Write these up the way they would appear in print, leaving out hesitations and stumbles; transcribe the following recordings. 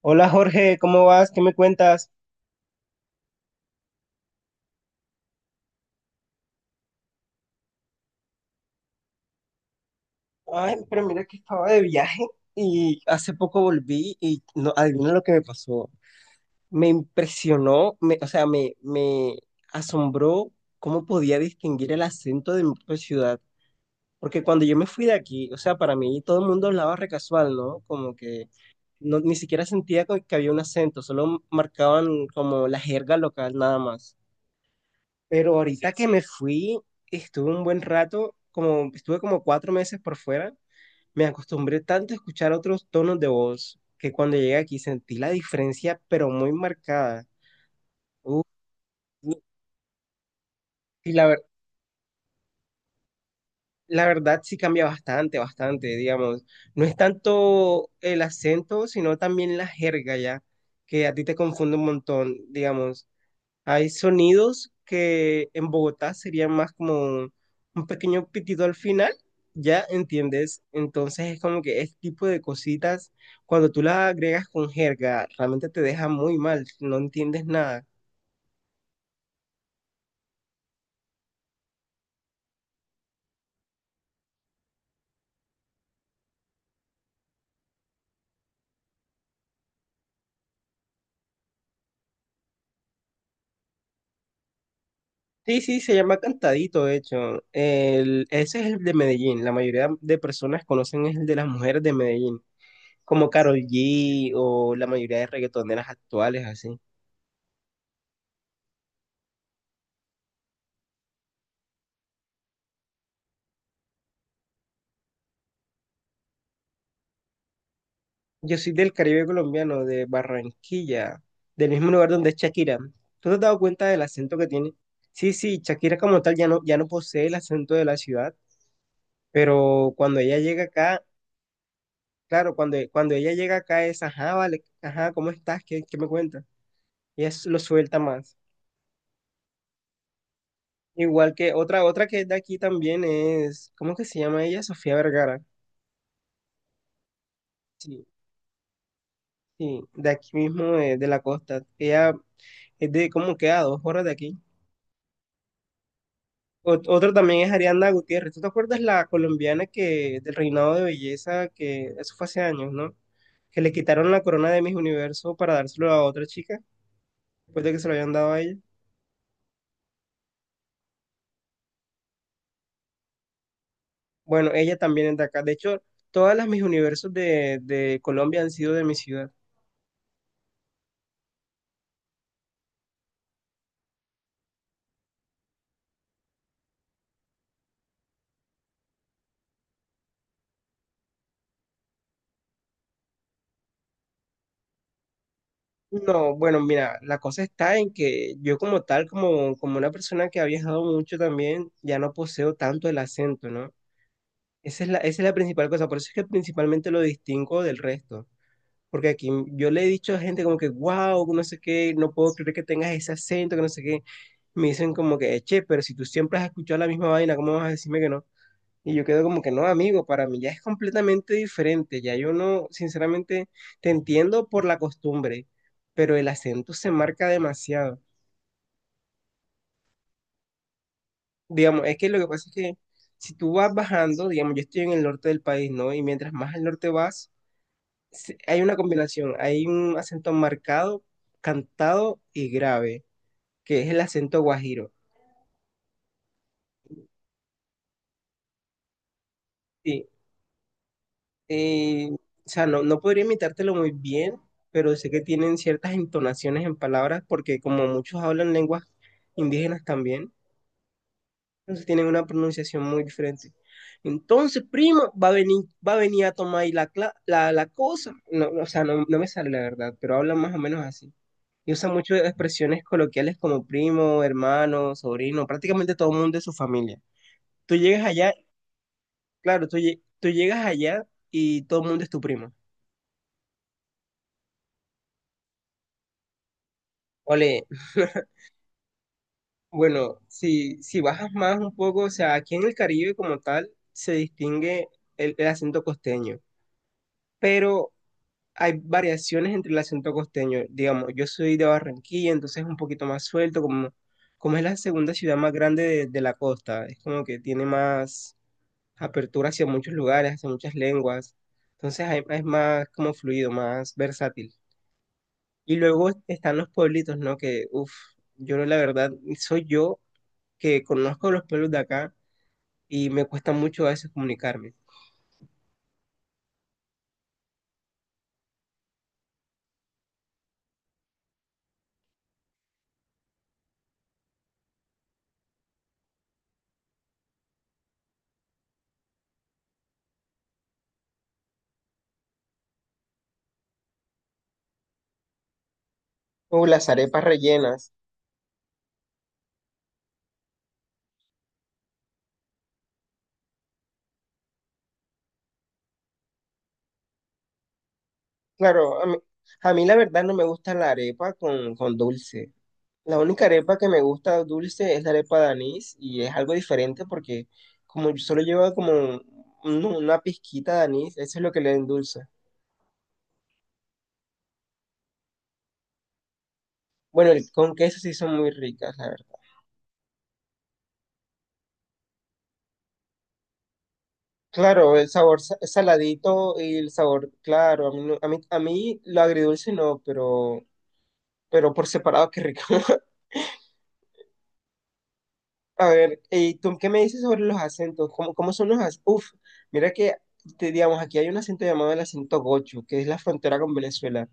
Hola Jorge, ¿cómo vas? ¿Qué me cuentas? Ay, pero mira que estaba de viaje y hace poco volví y no, adivina lo que me pasó. Me impresionó, me asombró cómo podía distinguir el acento de mi propia ciudad. Porque cuando yo me fui de aquí, o sea, para mí todo el mundo hablaba re casual, ¿no? Como que no, ni siquiera sentía que había un acento, solo marcaban como la jerga local nada más. Pero ahorita que me fui, estuve un buen rato, como estuve como 4 meses por fuera, me acostumbré tanto a escuchar otros tonos de voz que cuando llegué aquí sentí la diferencia, pero muy marcada. Uf, y la, ver- la verdad sí cambia bastante, bastante, digamos. No es tanto el acento, sino también la jerga ya, que a ti te confunde un montón, digamos. Hay sonidos que en Bogotá serían más como un pequeño pitido al final, ¿ya entiendes? Entonces es como que este tipo de cositas, cuando tú las agregas con jerga, realmente te deja muy mal, no entiendes nada. Sí, sí, se llama cantadito, de hecho. Ese es el de Medellín. La mayoría de personas conocen es el de las mujeres de Medellín, como Karol G o la mayoría de reggaetoneras actuales, así. Yo soy del Caribe colombiano, de Barranquilla, del mismo lugar donde es Shakira. ¿Tú te has dado cuenta del acento que tiene? Sí, sí, Shakira como tal ya no, ya no posee el acento de la ciudad, pero cuando ella llega acá, claro, cuando, cuando ella llega acá es, ajá, vale, ajá, ¿cómo estás? Qué me cuentas? Y es, lo suelta más. Igual que otra que es de aquí también es, ¿cómo que se llama ella? Sofía Vergara. Sí, sí, de aquí mismo, de la costa. Ella es de como que a 2 horas de aquí. Otro también es Ariana Gutiérrez. ¿Tú te acuerdas la colombiana que del reinado de belleza que eso fue hace años, ¿no? Que le quitaron la corona de Miss Universo para dárselo a otra chica después de que se lo habían dado a ella. Bueno, ella también es de acá. De hecho, todas las Miss Universos de Colombia han sido de mi ciudad. No, bueno, mira, la cosa está en que yo como tal, como una persona que ha viajado mucho también, ya no poseo tanto el acento, ¿no? Esa es la principal cosa, por eso es que principalmente lo distingo del resto. Porque aquí yo le he dicho a gente como que, wow, no sé qué, no puedo creer que tengas ese acento, que no sé qué. Me dicen como que, che, pero si tú siempre has escuchado la misma vaina, ¿cómo vas a decirme que no? Y yo quedo como que no, amigo, para mí ya es completamente diferente. Ya yo no, sinceramente, te entiendo por la costumbre, pero el acento se marca demasiado. Digamos, es que lo que pasa es que si tú vas bajando, digamos, yo estoy en el norte del país, ¿no? Y mientras más al norte vas, sí, hay una combinación, hay un acento marcado, cantado y grave, que es el acento guajiro. Sí, o sea, no, no podría imitártelo muy bien, pero sé que tienen ciertas entonaciones en palabras, porque como muchos hablan lenguas indígenas también, entonces tienen una pronunciación muy diferente. Entonces, prima, va a venir a tomar ahí la cosa. No, no, o sea, no, no me sale la verdad, pero hablan más o menos así. Y usa mucho expresiones coloquiales como primo, hermano, sobrino, prácticamente todo el mundo es su familia. Tú llegas allá, claro, tú llegas allá y todo el mundo es tu primo. Ole, bueno, si, si bajas más un poco, o sea, aquí en el Caribe como tal se distingue el acento costeño, pero hay variaciones entre el acento costeño. Digamos, yo soy de Barranquilla, entonces es un poquito más suelto, como es la segunda ciudad más grande de la costa, es como que tiene más apertura hacia muchos lugares, hacia muchas lenguas. Es más como fluido, más versátil. Y luego están los pueblitos, ¿no? Que, uff, yo la verdad, soy yo que conozco los pueblos de acá y me cuesta mucho a veces comunicarme. O las arepas rellenas. Claro, a mí la verdad no me gusta la arepa con dulce. La única arepa que me gusta dulce es la arepa de anís y es algo diferente porque como solo lleva como una pizquita de anís, eso es lo que le endulza. Bueno, con queso sí son muy ricas, la verdad. Claro, el sabor saladito y el sabor claro. A mí, a mí lo agridulce no, pero por separado, qué rico. A ver, ¿y tú qué me dices sobre los acentos? Cómo son los acentos? Uf, mira que, digamos, aquí hay un acento llamado el acento gocho, que es la frontera con Venezuela.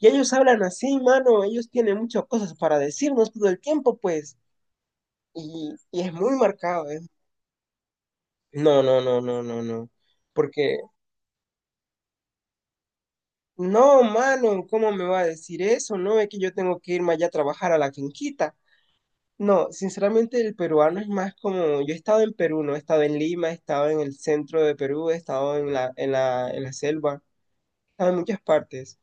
Y ellos hablan así, mano. Ellos tienen muchas cosas para decirnos todo el tiempo, pues. Y es muy marcado, ¿eh? No, no, no, no, no, no. Porque No, mano, ¿cómo me va a decir eso? No es que yo tengo que irme allá a trabajar a la finquita. No, sinceramente el peruano es más como, yo he estado en Perú, no he estado en Lima, he estado en el centro de Perú, he estado en la selva, he estado en muchas partes.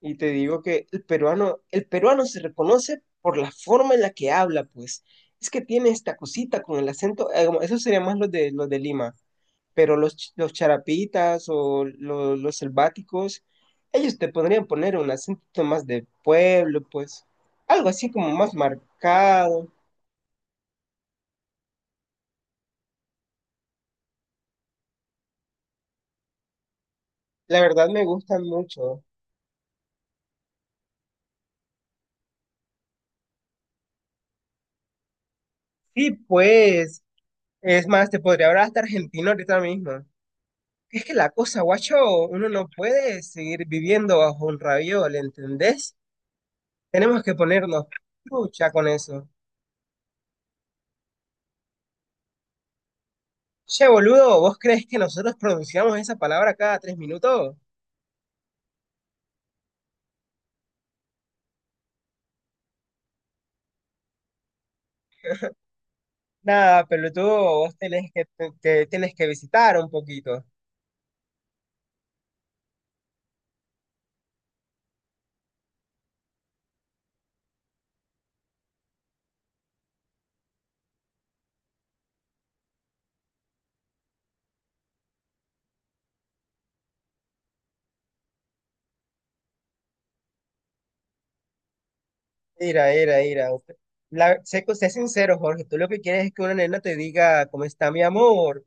Y te digo que el peruano se reconoce por la forma en la que habla, pues. Es que tiene esta cosita con el acento, como- eso sería más los de Lima, pero los, los charapitas o los selváticos, ellos te podrían poner un acento más de pueblo, pues. Algo así como más marcado. La verdad me gustan mucho. Sí, pues. Es más, te podría hablar hasta argentino ahorita mismo. Es que la cosa, guacho, uno no puede seguir viviendo bajo un raviol, ¿entendés? Tenemos que ponernos lucha con eso. Che, boludo, ¿vos crees que nosotros pronunciamos esa palabra cada 3 minutos? Nada, pelotudo, vos tenés que, tenés que visitar un poquito. Mira, mira, mira. Usted- sé sincero, Jorge, tú lo que quieres es que una nena te diga, ¿cómo está mi amor?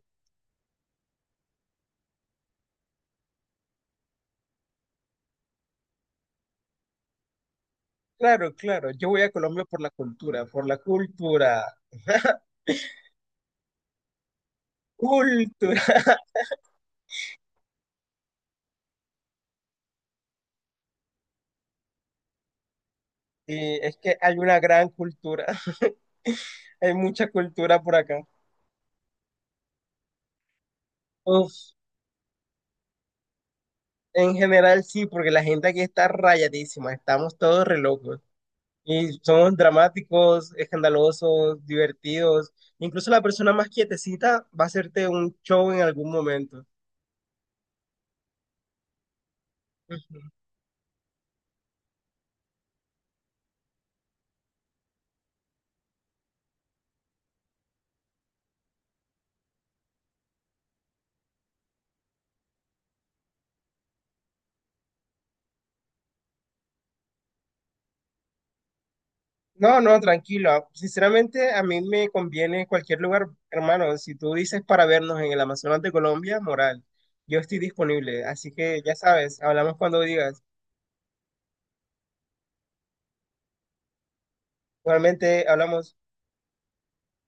Claro, claro, yo voy a Colombia por la cultura, por la cultura. Cultura. Y es que hay una gran cultura, hay mucha cultura por acá. Uf, en general sí, porque la gente aquí está rayadísima, estamos todos re locos. Y somos dramáticos, escandalosos, divertidos. Incluso la persona más quietecita va a hacerte un show en algún momento. Ujú. No, no, tranquilo. Sinceramente, a mí me conviene cualquier lugar, hermano. Si tú dices para vernos en el Amazonas de Colombia, moral, yo estoy disponible. Así que ya sabes, hablamos cuando digas. Igualmente, hablamos.